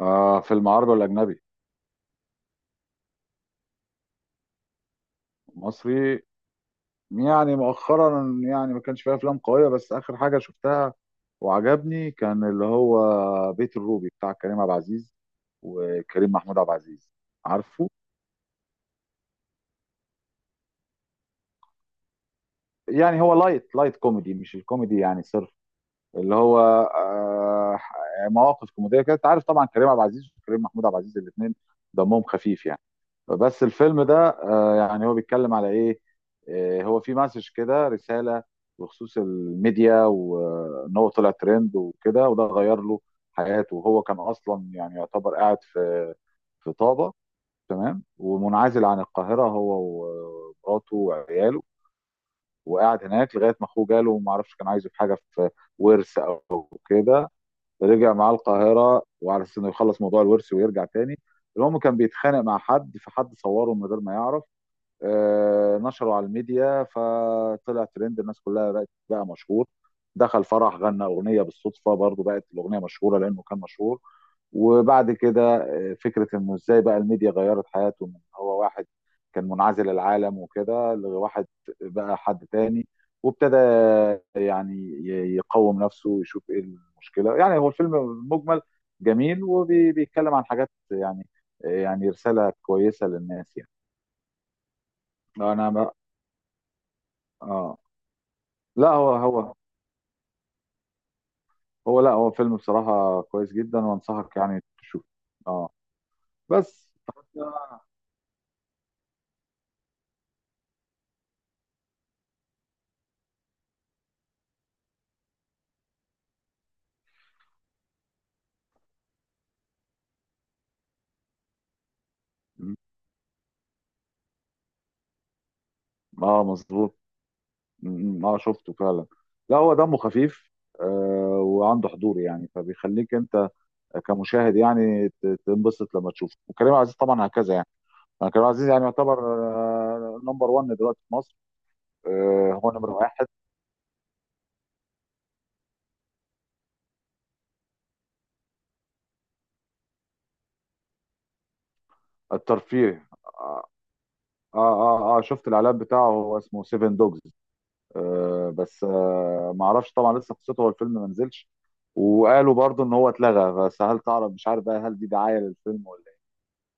فيلم عربي ولا أجنبي؟ مصري. يعني مؤخرا يعني ما كانش فيها أفلام قوية، بس آخر حاجة شفتها وعجبني كان اللي هو بيت الروبي بتاع كريم عبد العزيز وكريم محمود عبد العزيز، عارفه؟ يعني هو لايت لايت كوميدي، مش الكوميدي يعني صرف، اللي هو آه مواقف كوميدية كده. أنت عارف طبعا كريم عبد العزيز وكريم محمود عبد العزيز الاتنين دمهم خفيف يعني. بس الفيلم ده، يعني هو بيتكلم على ايه. هو في مسج كده، رسالة بخصوص الميديا، وان هو طلع ترند وكده، وده غير له حياته. وهو كان اصلا يعني يعتبر قاعد في طابة، تمام، ومنعزل عن القاهرة هو ومراته وعياله، وقاعد هناك لغاية ما اخوه جاله، وما اعرفش كان عايزه في حاجة في ورث او كده. رجع معاه القاهرة وعلى اساس انه يخلص موضوع الورث ويرجع تاني. المهم كان بيتخانق مع حد، فحد صوره من غير ما يعرف، نشره على الميديا فطلع ترند، الناس كلها بقت بقى مشهور. دخل فرح غنى اغنيه بالصدفه، برضو بقت الاغنيه مشهوره لانه كان مشهور. وبعد كده، فكره انه ازاي بقى الميديا غيرت حياته، من هو واحد كان منعزل العالم وكده لواحد بقى حد تاني. وابتدى يعني يقوم نفسه ويشوف ايه المشكله. يعني هو الفيلم مجمل جميل وبيتكلم عن حاجات يعني رساله كويسه للناس يعني. انا. اه. لا، هو لا، هو فيلم بصراحة كويس جدا، وانصحك يعني تشوفه. اه، بس اه مظبوط. اه، شفته فعلا. لا، هو دمه خفيف. وعنده حضور يعني، فبيخليك انت كمشاهد يعني تنبسط لما تشوفه. وكريم عبد العزيز طبعا هكذا يعني. أنا كريم عبد العزيز يعني يعتبر نمبر 1 دلوقتي في مصر. هو نمبر واحد. الترفيه. اه، اه، اه. شفت الاعلان بتاعه، هو اسمه سيفن دوجز. آه، بس آه، ما اعرفش طبعا لسه قصته، هو الفيلم ما نزلش. وقالوا برضو ان هو اتلغى، بس هل تعرف، مش عارف بقى هل دي دعايه للفيلم ولا ايه،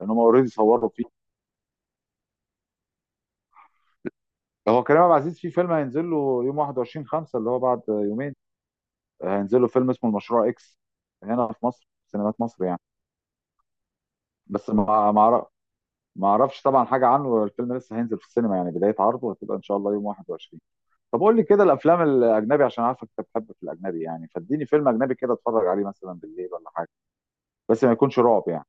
لان هم اوريدي صوروا فيه. هو كريم عبد العزيز في فيلم هينزل له يوم 21 5 اللي هو بعد يومين، هينزل له فيلم اسمه المشروع اكس هنا في مصر في سينمات مصر يعني. بس ما اعرفش طبعا حاجه عنه، الفيلم لسه هينزل في السينما يعني، بدايه عرضه هتبقى ان شاء الله يوم 21. طب قول لي كده الافلام الاجنبي، عشان عارفك انت بتحب في الاجنبي يعني، فاديني فيلم اجنبي كده اتفرج عليه مثلا بالليل ولا حاجه، بس ما يكونش رعب يعني.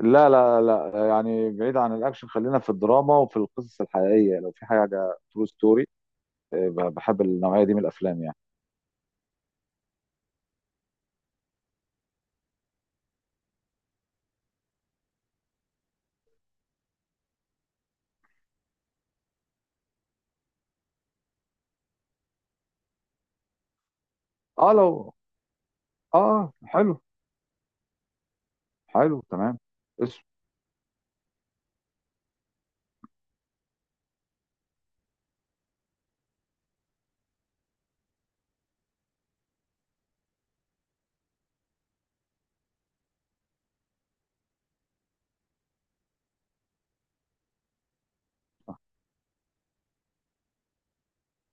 لا لا لا، يعني بعيد عن الاكشن، خلينا في الدراما وفي القصص الحقيقيه، لو في حاجه ترو ستوري. بحب النوعيه دي من الافلام يعني. اه، لو. اه، حلو. حلو تمام. اسم.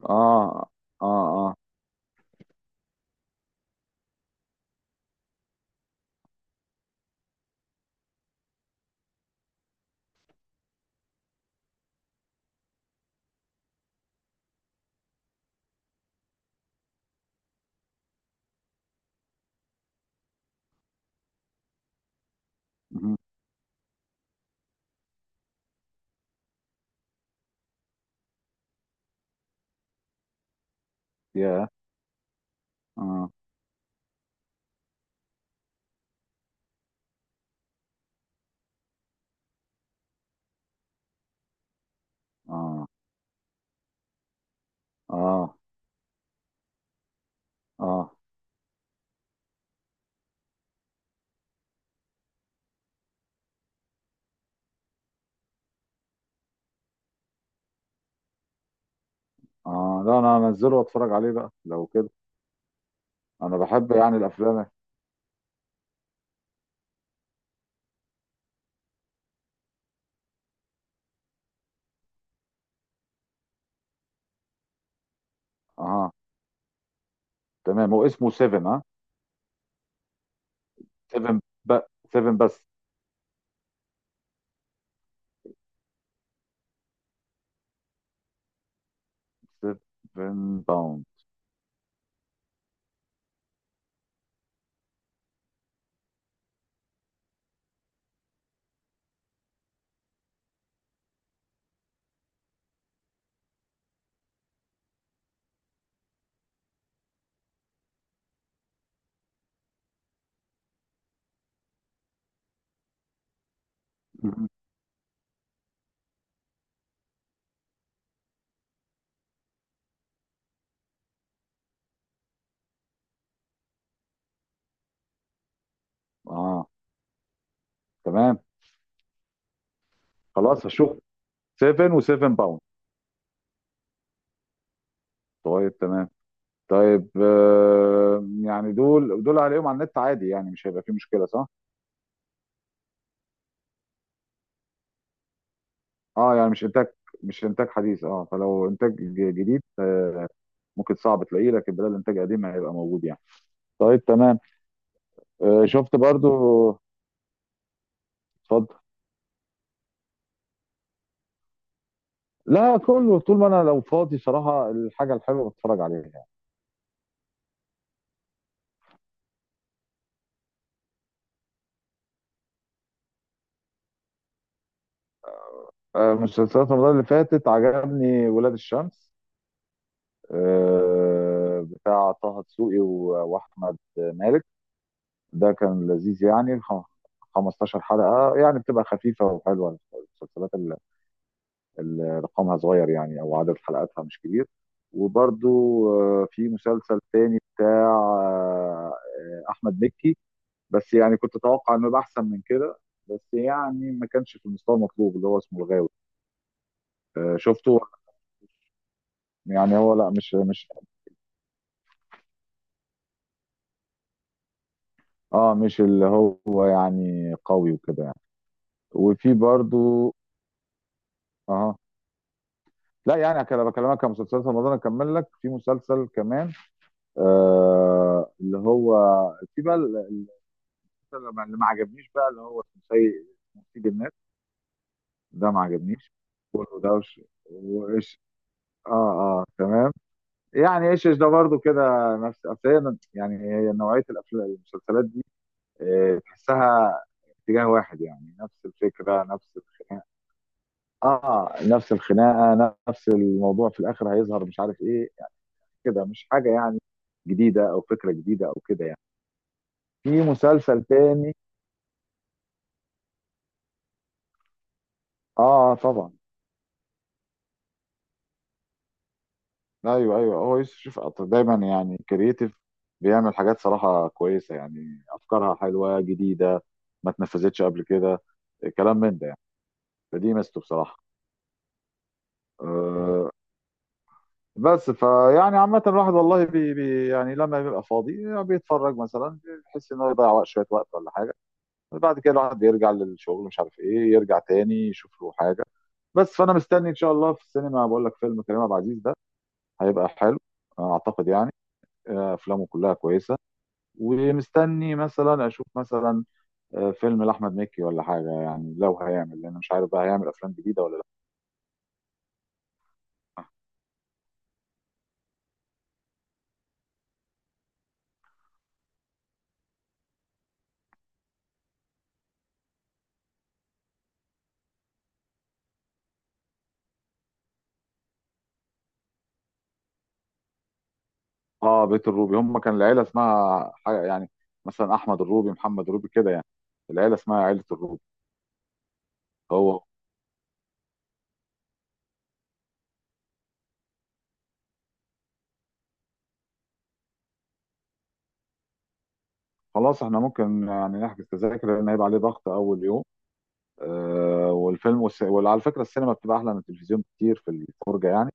اه، اه، اه. مهم. يا. اه، اه، اه، اه، اه، لا، انا هنزله واتفرج عليه بقى لو كده. انا بحب يعني الافلام. اه، تمام. هو اسمه 7، ها؟ 7 ب. 7 بس. 7 باوند. مهم. اه، تمام. خلاص، هشوف 7 و7 باوند. طيب تمام. طيب، يعني دول هلاقيهم على النت عادي يعني، مش هيبقى فيه مشكله صح؟ اه، يعني مش انتاج، مش انتاج حديث. اه فلو انتاج جديد، ممكن صعب تلاقيه، لكن بدل انتاج قديم هيبقى موجود يعني. طيب تمام. شفت برضو. اتفضل. لا، كله طول ما انا لو فاضي صراحه، الحاجه الحلوه بتفرج عليها يعني. مسلسلات رمضان اللي فاتت عجبني ولاد الشمس، بتاع طه دسوقي واحمد مالك. ده كان لذيذ يعني، 15 حلقة، يعني بتبقى خفيفة وحلوة المسلسلات اللي رقمها صغير يعني، أو عدد حلقاتها مش كبير. وبرضو، في مسلسل تاني بتاع أحمد مكي، بس يعني كنت أتوقع إنه يبقى أحسن من كده، بس يعني ما كانش في المستوى المطلوب، اللي هو اسمه الغاوي. شفته. يعني هو لا، مش اللي هو، يعني قوي وكده يعني. وفي برضو. اه، لا يعني كده بكلمك كمسلسلات رمضان، اكمل لك في مسلسل كمان. اللي هو في بقى المسلسل اللي ما عجبنيش بقى، اللي هو اسمه سيد الناس. ده ما عجبنيش. وده، وش، وايش. اه، اه، تمام. يعني ايش ده برضو كده، نفس. يعني هي نوعيه الافلام المسلسلات دي، تحسها اتجاه واحد يعني، نفس الفكره نفس الخناقه. اه، نفس الخناقه نفس الموضوع، في الاخر هيظهر مش عارف ايه، كده مش حاجة يعني جديدة أو فكرة جديدة أو كده يعني. في مسلسل تاني. طبعا. أيوه، أيوه، هو يوسف شوف دايما يعني كرييتيف، بيعمل حاجات صراحة كويسة يعني، أفكارها حلوة جديدة ما اتنفذتش قبل كده، كلام من ده يعني، فدي ميزته بصراحة. أه. بس فيعني عامة الواحد والله بي يعني لما بيبقى فاضي بيتفرج مثلا، بيحس إن هو يضيع وقت، شوية وقت ولا حاجة. بعد كده الواحد بيرجع للشغل، مش عارف إيه، يرجع تاني يشوف له حاجة. بس فانا مستني ان شاء الله في السينما، بقول لك فيلم كريم عبد العزيز ده هيبقى حلو، اعتقد يعني. افلامه كلها كويسه. ومستني مثلا اشوف مثلا فيلم لاحمد مكي ولا حاجه يعني، لو هيعمل، لان مش عارف بقى هيعمل افلام جديده ولا لا. اه، بيت الروبي هم كان العيله اسمها حاجه يعني، مثلا احمد الروبي محمد الروبي كده يعني، العيله اسمها عيله الروبي. هو، خلاص احنا ممكن يعني نحجز تذاكر، لان هيبقى عليه ضغط اول يوم. والفيلم وعلى فكره السينما بتبقى احلى من التلفزيون كتير في الفرجه يعني،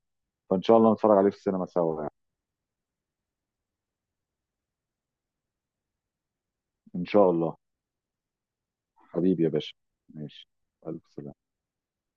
فان شاء الله نتفرج عليه في السينما سوا يعني. ان شاء الله. حبيبي يا باشا. ماشي. الف سلامه.